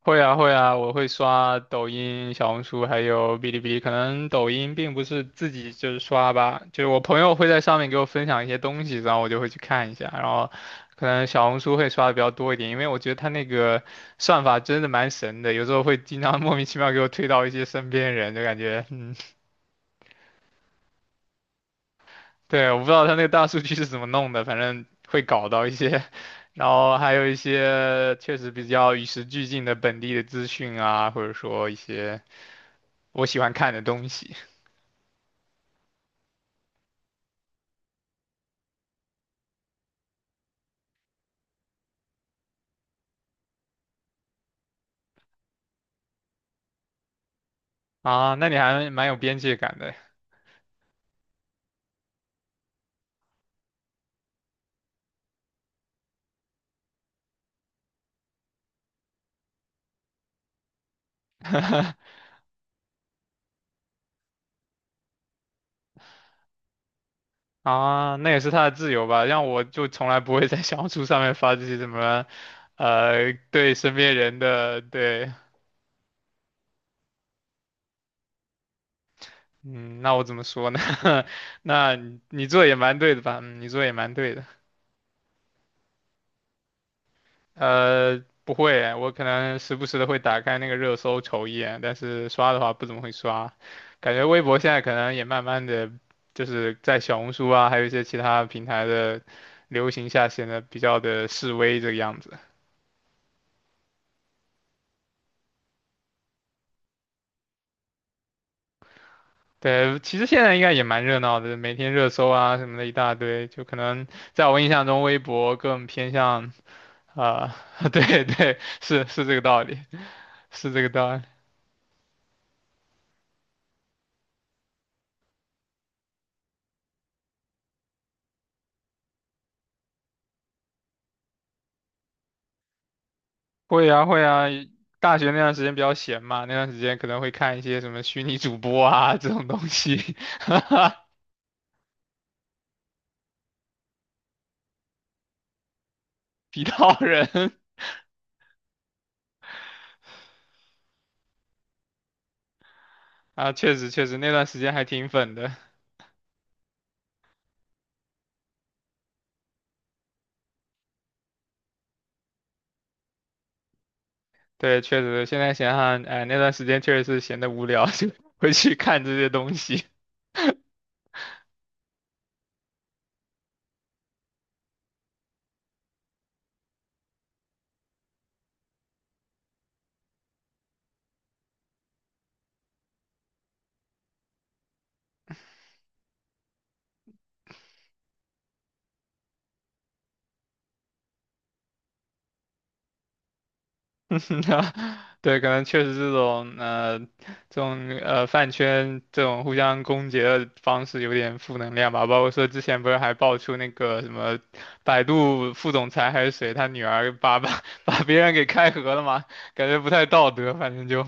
会啊会啊，我会刷抖音、小红书，还有哔哩哔哩。可能抖音并不是自己就是刷吧，就是我朋友会在上面给我分享一些东西，然后我就会去看一下。然后可能小红书会刷的比较多一点，因为我觉得它那个算法真的蛮神的，有时候会经常 莫名其妙给我推到一些身边人，就感觉嗯，对，我不知道它那个大数据是怎么弄的，反正会搞到一些。然后还有一些确实比较与时俱进的本地的资讯啊，或者说一些。我喜欢看的东西啊。那你还蛮有边界感的 啊，那也是他的自由吧？让我就从来不会在小红书上面发这些什么，对身边人的对，嗯，那我怎么说呢？那你做得也蛮对的吧？嗯，你做得也蛮对的。不会，我可能时不时的会打开那个热搜瞅一眼，但是刷的话不怎么会刷。感觉微博现在可能也慢慢的，就是在小红书啊，还有一些其他平台的流行下，显得比较的示威这个样子。对，其实现在应该也蛮热闹的，每天热搜啊什么的一大堆，就可能在我印象中，微博更偏向啊，对对，是是这个道理，是这个道理。会啊会啊，大学那段时间比较闲嘛，那段时间可能会看一些什么虚拟主播啊这种东西，哈哈，皮套人 啊，确实确实那段时间还挺粉的。对，确实现在想想，哎，那段时间确实是闲得无聊，就会去看这些东西。对，可能确实这种饭圈这种互相攻讦的方式有点负能量吧。包括说之前不是还爆出那个什么百度副总裁还是谁，他女儿把 把别人给开盒了嘛，感觉不太道德。反正就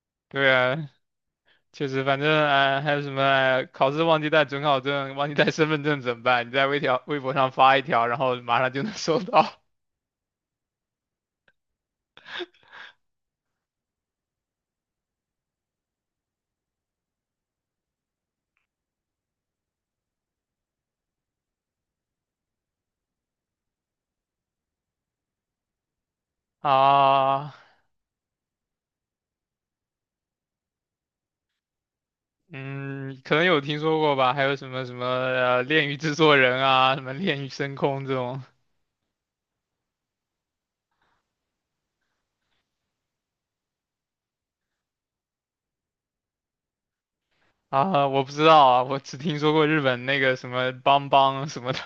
对啊，确实，反正啊、还有什么、考试忘记带准考证、忘记带身份证怎么办？你在微条微博上发一条，然后马上就能收到 啊。嗯，可能有听说过吧？还有什么什么炼狱制作人啊，什么炼狱深空这种啊，我不知道啊，我只听说过日本那个什么邦邦什么的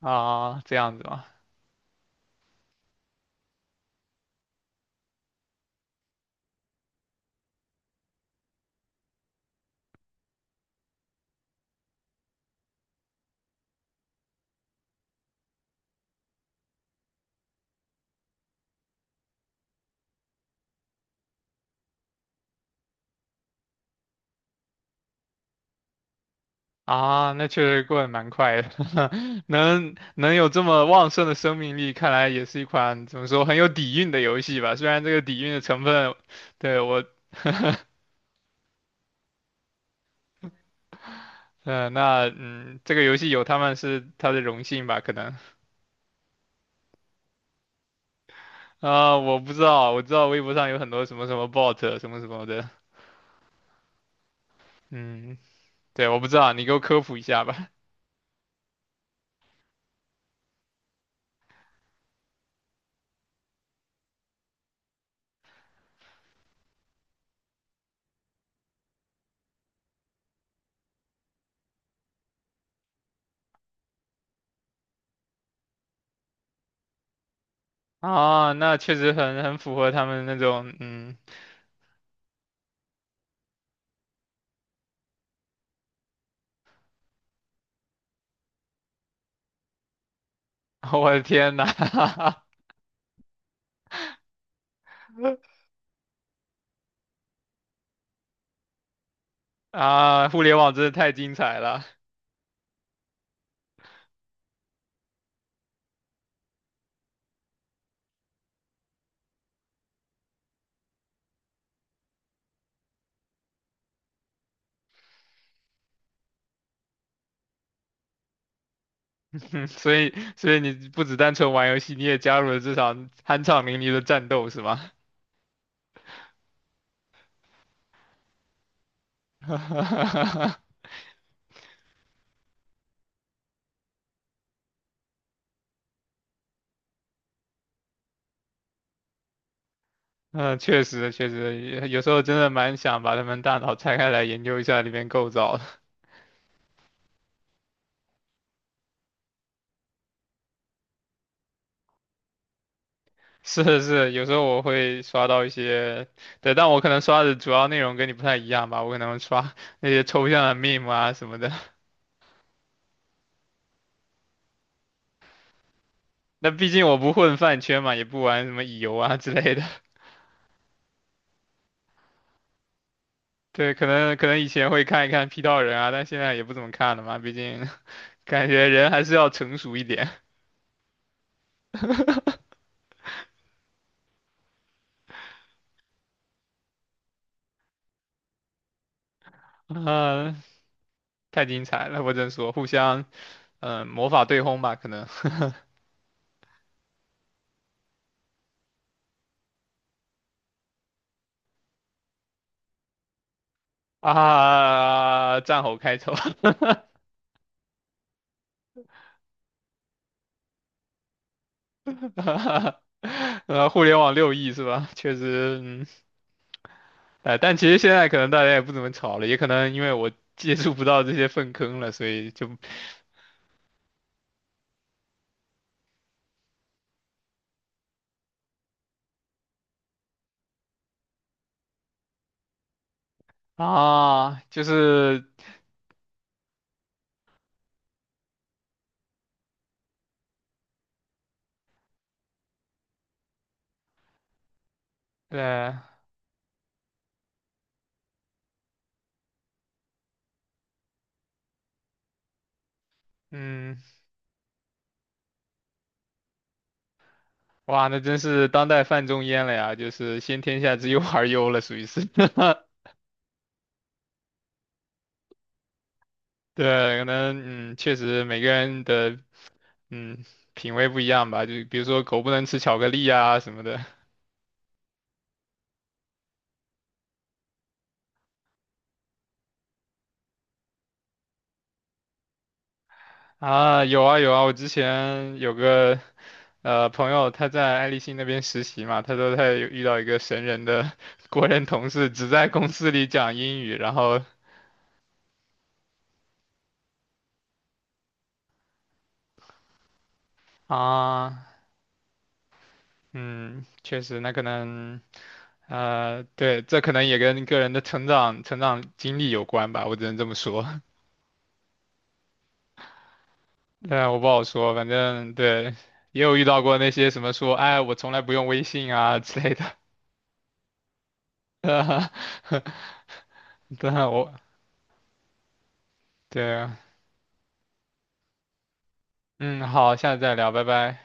啊，这样子吧？啊，那确实过得蛮快的，能有这么旺盛的生命力，看来也是一款怎么说很有底蕴的游戏吧。虽然这个底蕴的成分，对我，嗯，呃那嗯，这个游戏有他们是他的荣幸吧，可能。啊，我不知道，我知道微博上有很多什么什么 bot 什么什么的，嗯，对，我不知道，你给我科普一下吧。啊，那确实很符合他们那种，嗯，我的天呐，啊，互联网真的太精彩了，所以所以你不只单纯玩游戏，你也加入了这场酣畅淋漓的战斗，是吗？嗯，确实确实，有时候真的蛮想把他们大脑拆开来研究一下里面构造的。是是，有时候我会刷到一些，对，但我可能刷的主要内容跟你不太一样吧，我可能刷 那些抽象的 meme 啊什么的。那毕竟我不混饭圈嘛，也不玩什么乙游啊之类的。对，可能以前会看一看 P 到人啊，但现在也不怎么看了嘛，毕竟 感觉人还是要成熟一点。啊、太精彩了，我只能说，互相嗯、魔法对轰吧，可能 啊，战吼开头。互联网六亿是吧？确实，嗯，哎，但其实现在可能大家也不怎么吵了，也可能因为我接触不到这些粪坑了，所以就 啊，就是对，嗯，哇，那真是当代范仲淹了呀，就是先天下之忧而忧了，属于是。对，可能嗯，确实每个人的嗯品味不一样吧，就比如说狗不能吃巧克力啊什么的 啊，有啊有啊，我之前有个朋友他在爱立信那边实习嘛，他说他有遇到一个神人的 国人同事，只在公司里讲英语，然后啊，嗯，确实，那可能对，这可能也跟个人的成长经历有关吧，我只能这么说。但我不好说，反正对，也有遇到过那些什么说，哎，我从来不用微信啊之类的。呃，但我对啊，嗯，好，下次再聊，拜拜。